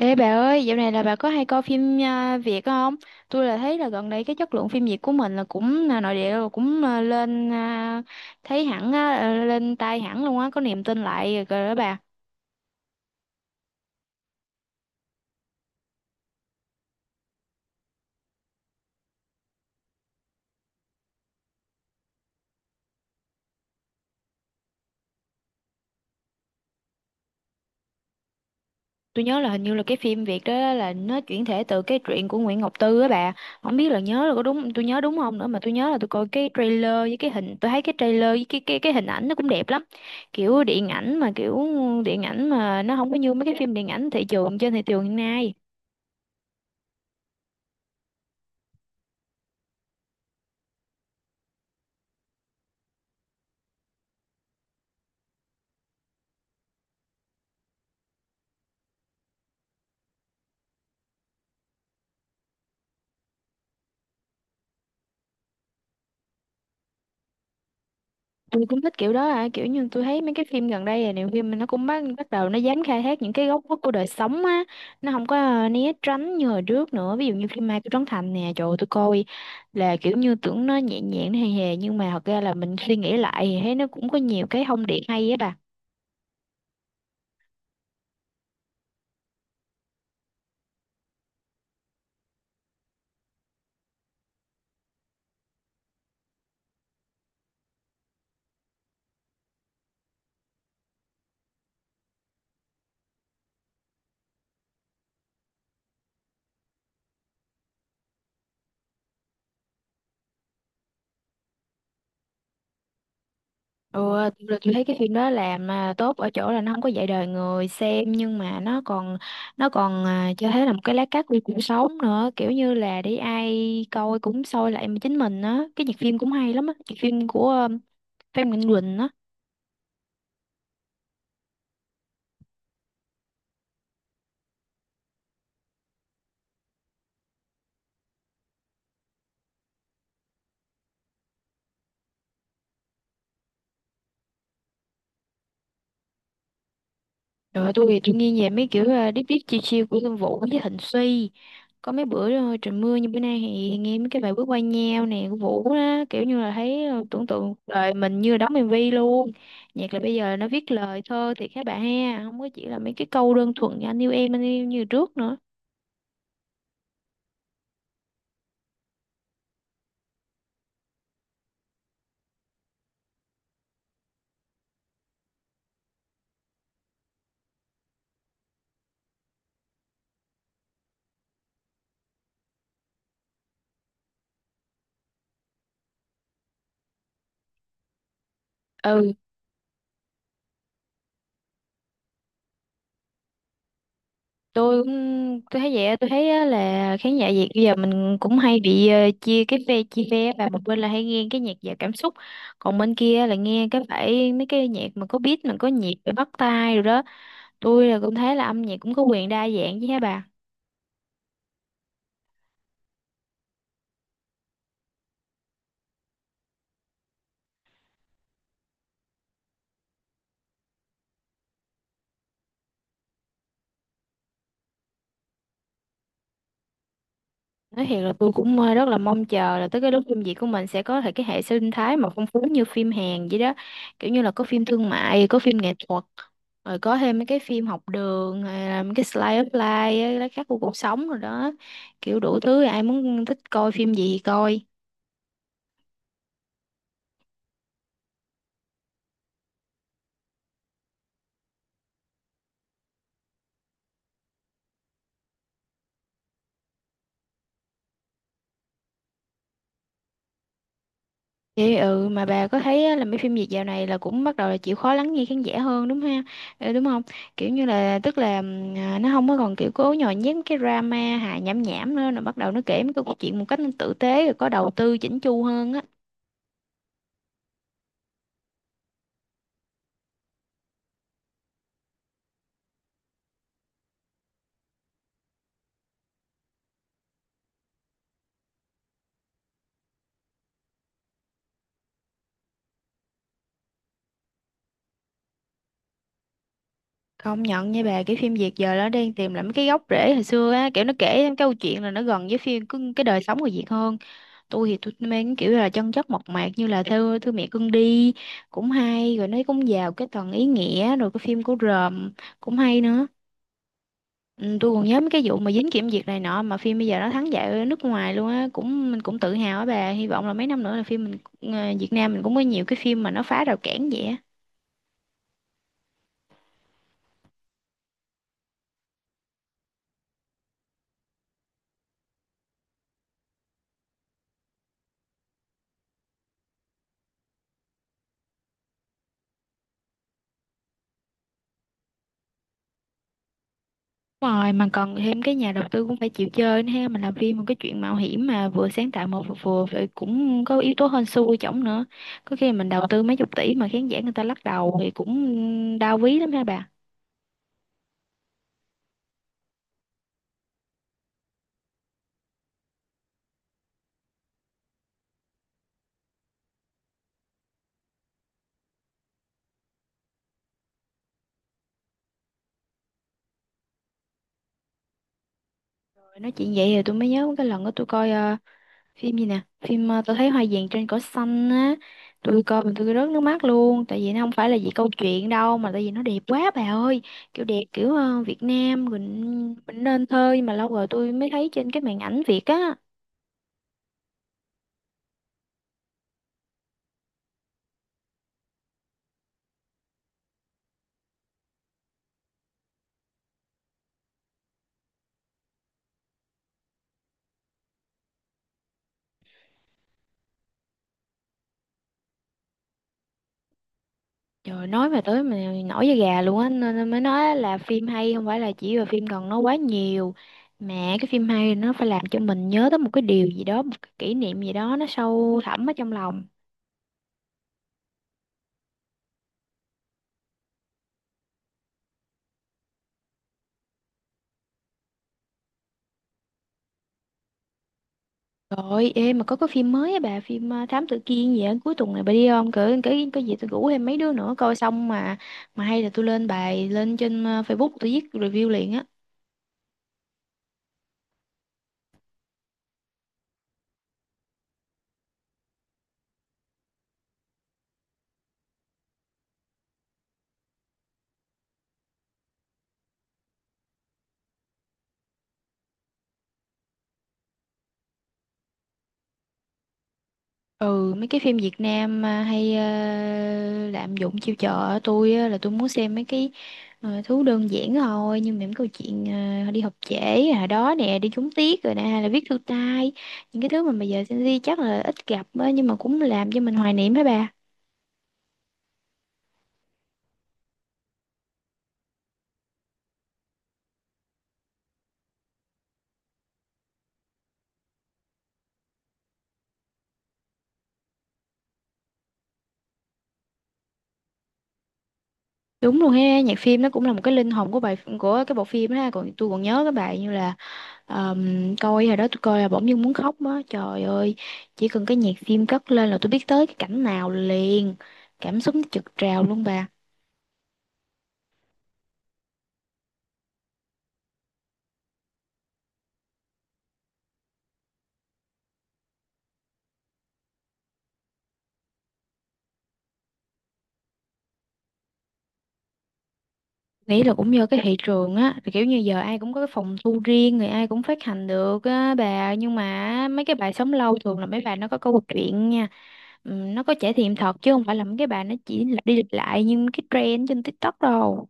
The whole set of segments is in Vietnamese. Ê bà ơi, dạo này bà có hay coi phim Việt không? Tôi thấy là gần đây cái chất lượng phim Việt của mình là cũng nội địa rồi cũng lên thấy hẳn á, lên tay hẳn luôn á, có niềm tin lại rồi đó bà. Tôi nhớ là hình như là cái phim Việt đó là nó chuyển thể từ cái truyện của Nguyễn Ngọc Tư á bà. Không biết là nhớ là có đúng tôi nhớ đúng không nữa mà tôi nhớ là tôi coi cái trailer với cái hình tôi thấy cái trailer với cái hình ảnh nó cũng đẹp lắm. Kiểu điện ảnh mà kiểu điện ảnh mà nó không có như mấy cái phim điện ảnh thị trường trên thị trường hiện nay. Tôi cũng thích kiểu đó à, kiểu như tôi thấy mấy cái phim gần đây là nhiều phim mà nó cũng bắt bắt đầu nó dám khai thác những cái góc khuất của đời sống á, nó không có né tránh như hồi trước nữa, ví dụ như phim Mai của Trấn Thành nè, trời ơi, tôi coi là kiểu như tưởng nó nhẹ nhàng nó hề hề nhưng mà thật ra là mình suy nghĩ lại thì thấy nó cũng có nhiều cái thông điệp hay á bà. Ừ, thực ra tôi thấy cái phim đó làm mà tốt ở chỗ là nó không có dạy đời người xem nhưng mà nó còn cho thấy là một cái lá cắt của cuộc sống nữa, kiểu như là để ai coi cũng soi lại chính mình á. Cái nhạc phim cũng hay lắm á, nhạc phim của Phan Mạnh Quỳnh á. Rồi tôi thì tôi nghe về mấy kiểu deep deep chill chill của Lương Vũ với Thịnh Suy. Có mấy bữa trời mưa như bữa nay thì nghe mấy cái bài bước qua nhau nè của Vũ đó, kiểu như là thấy tưởng tượng đời mình như là đóng MV luôn. Nhạc là bây giờ nó viết lời thơ thì các bạn ha, không có chỉ là mấy cái câu đơn thuần như anh yêu em như trước nữa. Ừ, tôi cũng tôi thấy vậy á, tôi thấy á là khán giả Việt bây giờ mình cũng hay bị chia cái phe chia phe, và một bên là hay nghe cái nhạc giàu cảm xúc, còn bên kia là nghe cái phải mấy cái nhạc mà có beat mà có nhịp để bắt tai rồi đó. Tôi là cũng thấy là âm nhạc cũng có quyền đa dạng chứ hả bà. Nói thiệt là tôi cũng rất là mong chờ là tới cái lúc phim Việt của mình sẽ có thể cái hệ sinh thái mà phong phú như phim Hàn vậy đó. Kiểu như là có phim thương mại, có phim nghệ thuật, rồi có thêm mấy cái phim học đường, hay là mấy cái slice of life, á, lá khắc của cuộc sống rồi đó. Kiểu đủ thứ ai muốn thích coi phim gì thì coi. Vậy ừ mà bà có thấy á, là mấy phim Việt dạo này là cũng bắt đầu là chịu khó lắng nghe khán giả hơn đúng ha? Ờ, đúng không? Kiểu như là tức là nó không có còn kiểu cố nhồi nhét mấy cái drama hài nhảm nhảm nữa, nó bắt đầu nó kể mấy cái câu chuyện một cách nó tử tế rồi có đầu tư chỉnh chu hơn á. Công nhận nha bà, cái phim Việt giờ nó đang tìm lại mấy cái gốc rễ hồi xưa á, kiểu nó kể cái câu chuyện là nó gần với phim cái đời sống người Việt hơn. Tôi thì tôi mang cái kiểu là chân chất mộc mạc như là thư thư mẹ cưng đi, cũng hay, rồi nó cũng vào cái tầng ý nghĩa. Rồi cái phim của Ròm cũng hay nữa. Ừ, tôi còn nhớ mấy cái vụ mà dính kiểm duyệt này nọ mà phim bây giờ nó thắng giải ở nước ngoài luôn á, cũng mình cũng tự hào á bà, hy vọng là mấy năm nữa là phim mình Việt Nam mình cũng có nhiều cái phim mà nó phá rào cản vậy á. Đúng rồi, mà còn thêm cái nhà đầu tư cũng phải chịu chơi nữa ha, mình làm phim một cái chuyện mạo hiểm mà vừa sáng tạo một vừa phải cũng có yếu tố hên xui chổng nữa, có khi mình đầu tư mấy chục tỷ mà khán giả người ta lắc đầu thì cũng đau ví lắm ha bà. Rồi nói chuyện vậy thì tôi mới nhớ cái lần đó tôi coi phim gì nè, phim tôi thấy hoa vàng trên cỏ xanh á, tôi coi mà tôi rớt nước mắt luôn, tại vì nó không phải là vì câu chuyện đâu mà tại vì nó đẹp quá bà ơi, kiểu đẹp kiểu Việt Nam mình nên thơ nhưng mà lâu rồi tôi mới thấy trên cái màn ảnh Việt á. Rồi nói mà tới mà nổi da gà luôn á, nên nên mới nói là phim hay không phải là chỉ là phim cần nó quá nhiều, mà cái phim hay nó phải làm cho mình nhớ tới một cái điều gì đó, một cái kỷ niệm gì đó nó sâu thẳm ở trong lòng. Rồi em mà có cái phim mới á bà, phim Thám Tử Kiên gì á, cuối tuần này bà đi không cỡ cái gì, tôi rủ thêm mấy đứa nữa coi xong mà hay là tôi lên bài lên trên Facebook tôi viết review liền á. Ừ, mấy cái phim Việt Nam mà hay lạm dụng chiêu trò, tôi á, là tôi muốn xem mấy cái thứ đơn giản thôi nhưng mà những câu chuyện đi học trễ hồi đó nè, đi trúng tiết rồi nè, hay là viết thư tay, những cái thứ mà bây giờ Gen Z chắc là ít gặp á, nhưng mà cũng làm cho mình hoài niệm hả bà. Đúng luôn ha, nhạc phim nó cũng là một cái linh hồn của bài của cái bộ phim ha, còn tôi còn nhớ cái bài như là coi hồi đó tôi coi là bỗng dưng muốn khóc á, trời ơi, chỉ cần cái nhạc phim cất lên là tôi biết tới cái cảnh nào liền, cảm xúc nó trực trào luôn bà. Nghĩ là cũng do cái thị trường á, thì kiểu như giờ ai cũng có cái phòng thu riêng, người ai cũng phát hành được á bà, nhưng mà mấy cái bài sống lâu thường là mấy bài nó có câu chuyện nha. Nó có trải nghiệm thật chứ không phải là mấy cái bài nó chỉ lặp đi lặp lại như cái trend trên TikTok đâu.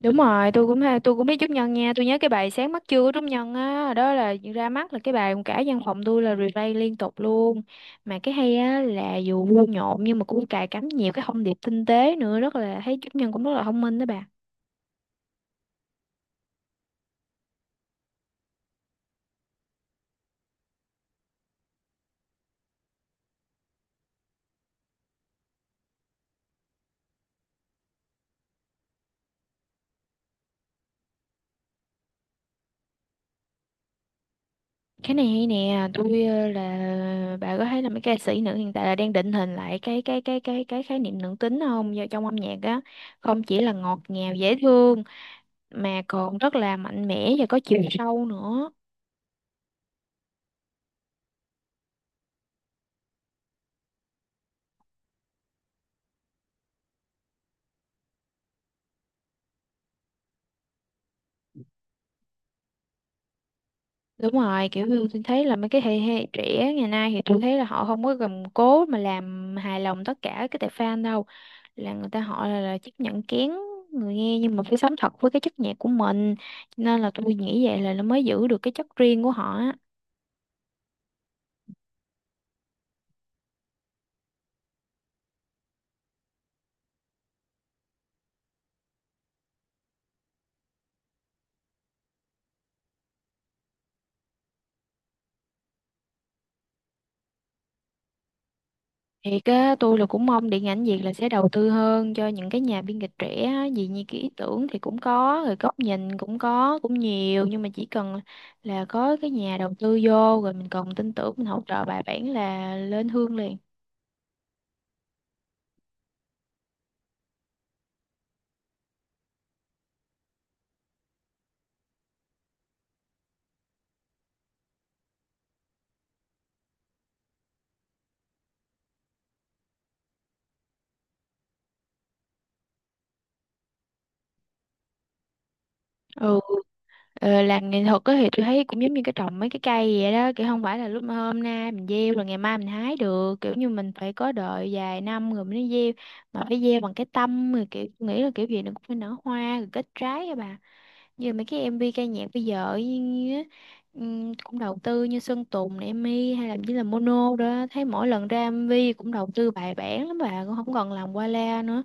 Đúng rồi, tôi cũng biết Trúc Nhân nha, tôi nhớ cái bài Sáng mắt trưa của Trúc Nhân á, đó là ra mắt là cái bài cả văn phòng tôi là replay liên tục luôn. Mà cái hay á là dù vui nhộn nhưng mà cũng cài cắm nhiều cái thông điệp tinh tế nữa, rất là thấy Trúc Nhân cũng rất là thông minh đó bà. Cái này hay nè, tôi là bà có thấy là mấy ca sĩ nữ hiện tại là đang định hình lại cái khái niệm nữ tính không? Do trong âm nhạc á, không chỉ là ngọt ngào dễ thương mà còn rất là mạnh mẽ và có chiều sâu nữa. Đúng rồi, kiểu như tôi thấy là mấy cái thế hệ trẻ ngày nay thì tôi thấy là họ không có gầm cố mà làm hài lòng tất cả cái tệp fan đâu. Là người ta họ là chấp nhận kén người nghe nhưng mà phải sống thật với cái chất nhạc của mình. Cho nên là tôi nghĩ vậy là nó mới giữ được cái chất riêng của họ á. Thiệt á, tôi là cũng mong điện ảnh Việt là sẽ đầu tư hơn cho những cái nhà biên kịch trẻ á, vì như cái ý tưởng thì cũng có, rồi góc nhìn cũng có, cũng nhiều nhưng mà chỉ cần là có cái nhà đầu tư vô rồi mình còn tin tưởng mình hỗ trợ bài bản là lên hương liền. Ừ, làm nghệ thuật á thì tôi thấy cũng giống như cái trồng mấy cái cây vậy đó, kiểu không phải là lúc mà hôm nay mình gieo rồi ngày mai mình hái được, kiểu như mình phải có đợi vài năm rồi mới gieo, mà phải gieo bằng cái tâm, rồi kiểu tôi nghĩ là kiểu gì nó cũng phải nở hoa rồi kết trái á bà. Giờ mấy cái em MV ca nhạc bây giờ như á, cũng đầu tư như Sơn Tùng này, Emi hay là chỉ là Mono đó, thấy mỗi lần ra MV cũng đầu tư bài bản lắm bà, cũng không còn làm qua la nữa.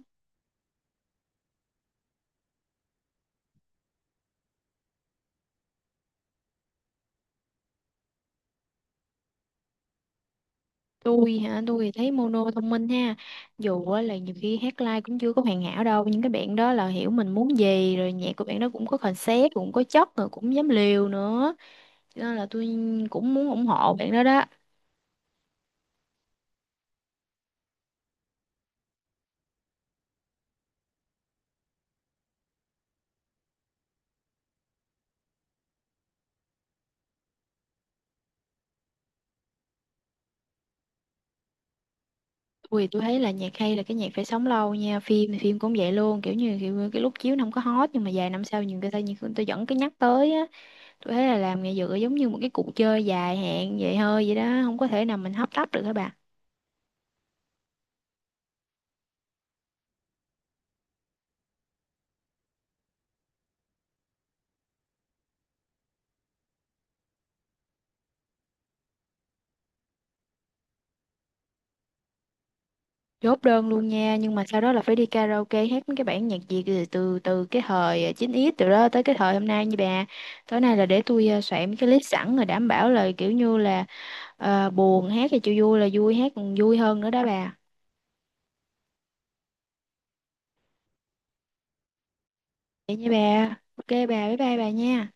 Tôi hả, tôi thì thấy Mono thông minh ha, dù á là nhiều khi hát live cũng chưa có hoàn hảo đâu nhưng các bạn đó là hiểu mình muốn gì, rồi nhạc của bạn đó cũng có concept cũng có chất rồi cũng dám liều nữa, cho nên là tôi cũng muốn ủng hộ bạn đó đó. Ui, tôi thấy là nhạc hay là cái nhạc phải sống lâu nha, phim thì phim cũng vậy luôn, kiểu như kiểu, cái lúc chiếu nó không có hot nhưng mà vài năm sau nhiều người ta vẫn cứ nhắc tới á. Tôi thấy là làm nghệ dựa giống như một cái cuộc chơi dài hạn vậy hơi vậy đó, không có thể nào mình hấp tấp được hả bà. Chốt đơn luôn nha, nhưng mà sau đó là phải đi karaoke hát mấy cái bản nhạc Việt từ từ từ cái thời chín x từ đó tới cái thời hôm nay như bà. Tối nay là để tôi soạn mấy cái list sẵn rồi đảm bảo là kiểu như là buồn hát thì chịu, vui là vui hát còn vui hơn nữa đó bà. Vậy nha bà. Ok bà, bye bye bà nha.